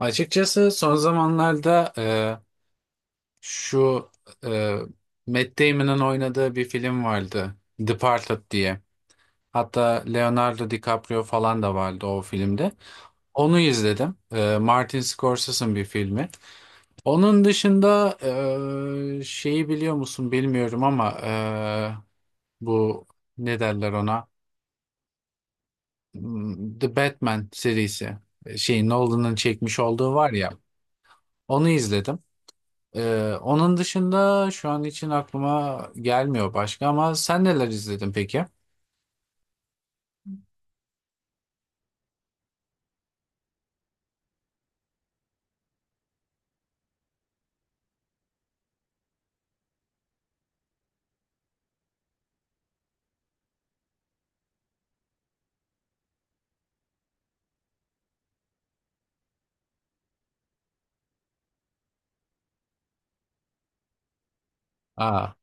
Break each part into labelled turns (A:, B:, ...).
A: Açıkçası son zamanlarda şu e, Matt Damon'ın oynadığı bir film vardı. Departed diye. Hatta Leonardo DiCaprio falan da vardı o filmde. Onu izledim. Martin Scorsese'ın bir filmi. Onun dışında şeyi biliyor musun bilmiyorum ama bu ne derler ona? The Batman serisi. Şey Nolan'ın çekmiş olduğu var ya. Onu izledim. Onun dışında şu an için aklıma gelmiyor başka ama sen neler izledin peki? Aa,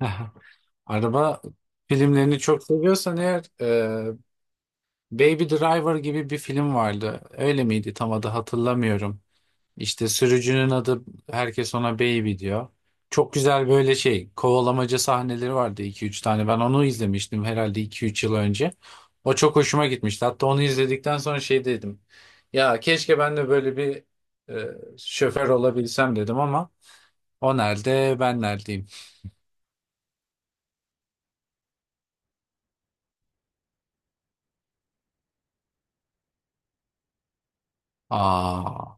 A: araba filmlerini çok seviyorsan eğer Baby Driver gibi bir film vardı. Öyle miydi? Tam adı hatırlamıyorum. İşte sürücünün adı herkes ona Baby diyor. Çok güzel böyle şey kovalamaca sahneleri vardı iki üç tane. Ben onu izlemiştim herhalde iki üç yıl önce. O çok hoşuma gitmişti. Hatta onu izledikten sonra şey dedim. Ya keşke ben de böyle bir şoför olabilsem dedim ama o nerede ben neredeyim? Aa.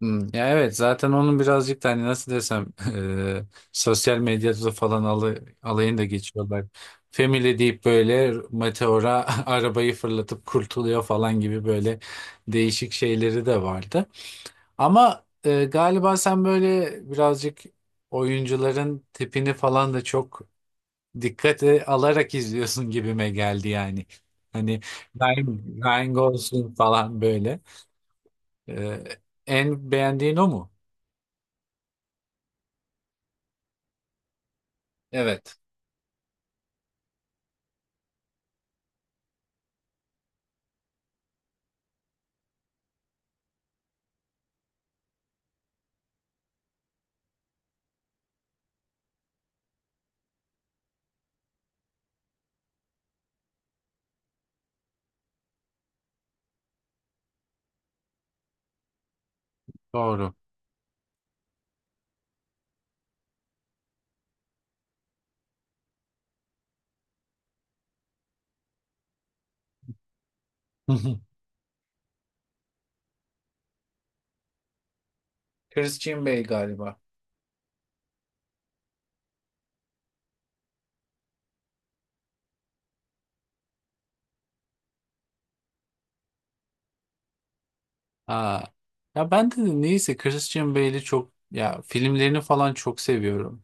A: Ya evet zaten onun birazcık da hani nasıl desem eee, sosyal medyada falan alayını da geçiyorlar. Family deyip böyle meteora arabayı fırlatıp kurtuluyor falan gibi böyle değişik şeyleri de vardı. Ama galiba sen böyle birazcık oyuncuların tipini falan da çok dikkate alarak izliyorsun gibime geldi yani. Hani Ryan Gosling falan böyle. Eee, en beğendiğin o mu? Evet. Doğru. Christian Bale galiba. Aa, ya ben de neyse Christian Bale'i çok ya filmlerini falan çok seviyorum.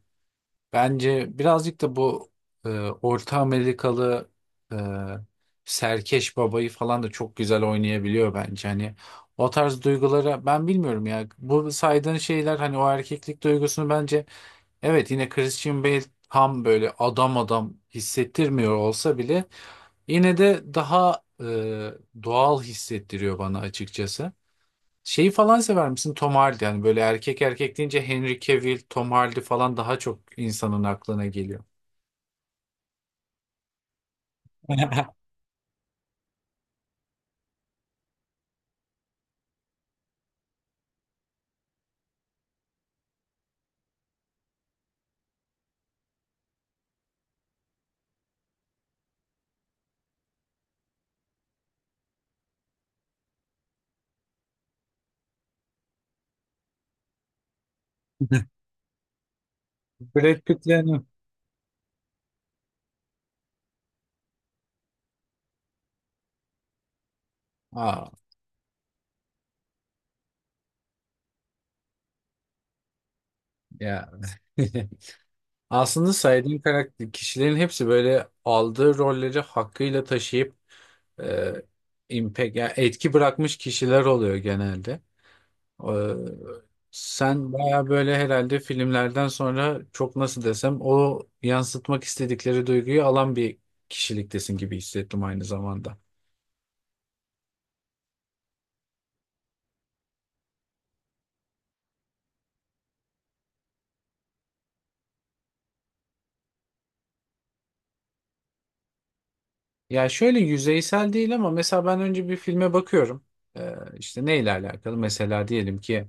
A: Bence birazcık da bu Orta Amerikalı e, serkeş babayı falan da çok güzel oynayabiliyor bence. Hani o tarz duygulara ben bilmiyorum ya. Bu saydığın şeyler hani o erkeklik duygusunu bence evet yine Christian Bale tam böyle adam adam hissettirmiyor olsa bile yine de daha doğal hissettiriyor bana açıkçası. Şeyi falan sever misin? Tom Hardy. Yani böyle erkek erkek deyince Henry Cavill, Tom Hardy falan daha çok insanın aklına geliyor. Brad Pitt'le hanım. Aa, ya. Aslında saydığım karakter kişilerin hepsi böyle aldığı rolleri hakkıyla taşıyıp e, impact, yani etki bırakmış kişiler oluyor genelde. Ee, sen baya böyle herhalde filmlerden sonra çok nasıl desem o yansıtmak istedikleri duyguyu alan bir kişiliktesin gibi hissettim aynı zamanda. Ya şöyle yüzeysel değil ama mesela ben önce bir filme bakıyorum. İşte neyle alakalı? Mesela diyelim ki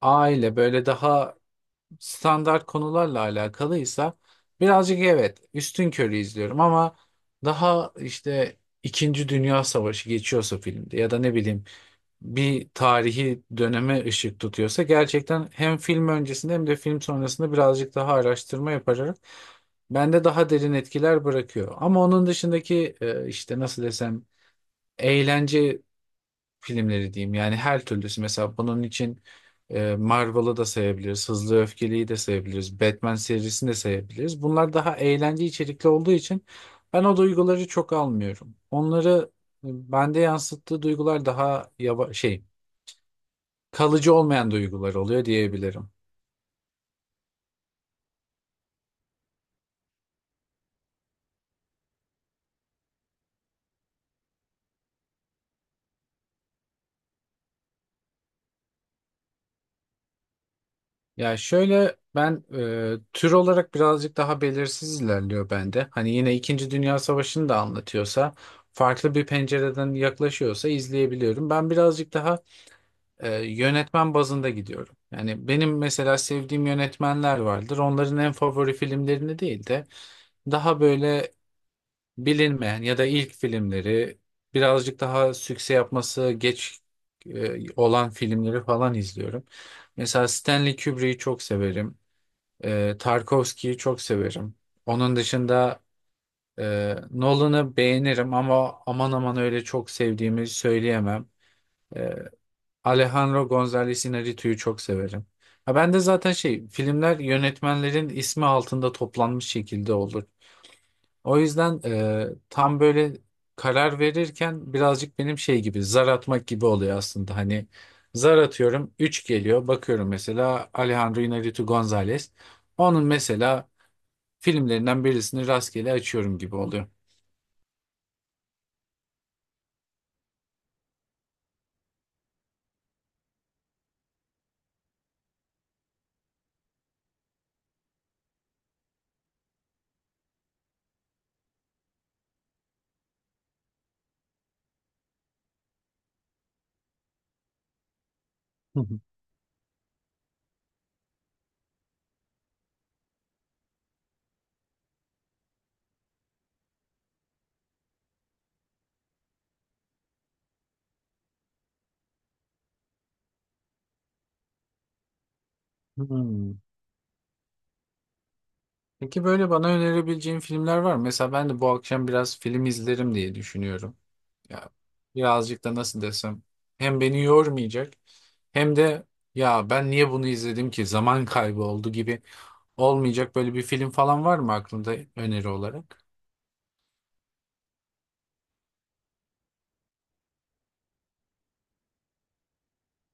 A: aile böyle daha standart konularla alakalıysa birazcık evet üstünkörü izliyorum ama daha işte İkinci Dünya Savaşı geçiyorsa filmde ya da ne bileyim bir tarihi döneme ışık tutuyorsa gerçekten hem film öncesinde hem de film sonrasında birazcık daha araştırma yaparak bende daha derin etkiler bırakıyor. Ama onun dışındaki işte nasıl desem eğlence filmleri diyeyim. Yani her türlüsü. Mesela bunun için Marvel'ı da sayabiliriz. Hızlı ve Öfkeli'yi de sayabiliriz. Batman serisini de sayabiliriz. Bunlar daha eğlence içerikli olduğu için ben o duyguları çok almıyorum. Onları bende yansıttığı duygular daha şey kalıcı olmayan duygular oluyor diyebilirim. Ya şöyle ben tür olarak birazcık daha belirsiz ilerliyor bende. Hani yine İkinci Dünya Savaşı'nı da anlatıyorsa, farklı bir pencereden yaklaşıyorsa izleyebiliyorum. Ben birazcık daha yönetmen bazında gidiyorum. Yani benim mesela sevdiğim yönetmenler vardır. Onların en favori filmlerini değil de daha böyle bilinmeyen ya da ilk filmleri birazcık daha sükse yapması geç olan filmleri falan izliyorum. Mesela Stanley Kubrick'i çok severim. Tarkovski'yi çok severim. Onun dışında Nolan'ı beğenirim ama aman aman öyle çok sevdiğimi söyleyemem. E, Alejandro González Iñárritu'yu çok severim. Ha, ben de zaten şey filmler yönetmenlerin ismi altında toplanmış şekilde olur. O yüzden tam böyle karar verirken birazcık benim şey gibi zar atmak gibi oluyor aslında. Hani zar atıyorum 3 geliyor bakıyorum mesela Alejandro Iñárritu González. Onun mesela filmlerinden birisini rastgele açıyorum gibi oluyor. Hı hı. Hmm. Peki böyle bana önerebileceğin filmler var mı? Mesela ben de bu akşam biraz film izlerim diye düşünüyorum. Ya birazcık da nasıl desem hem beni yormayacak hem de ya ben niye bunu izledim ki zaman kaybı oldu gibi olmayacak böyle bir film falan var mı aklında öneri olarak?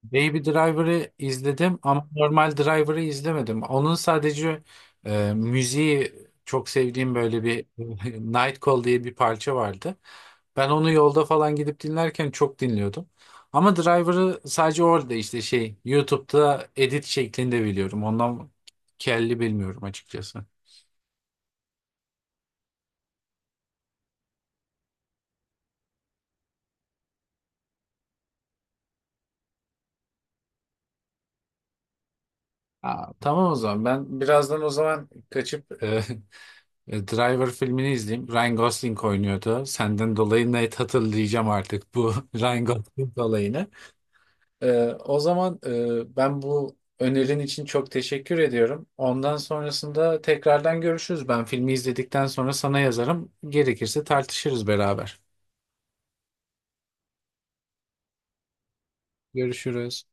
A: Baby Driver'ı izledim ama normal Driver'ı izlemedim. Onun sadece müziği çok sevdiğim böyle bir Night Call diye bir parça vardı. Ben onu yolda falan gidip dinlerken çok dinliyordum. Ama Driver'ı sadece orada işte şey YouTube'da edit şeklinde biliyorum. Ondan kelli bilmiyorum açıkçası. Aa, tamam o zaman ben birazdan o zaman kaçıp Driver filmini izleyeyim. Ryan Gosling oynuyordu. Senden dolayı net hatırlayacağım artık bu Ryan Gosling olayını. O zaman ben bu önerin için çok teşekkür ediyorum. Ondan sonrasında tekrardan görüşürüz. Ben filmi izledikten sonra sana yazarım. Gerekirse tartışırız beraber. Görüşürüz.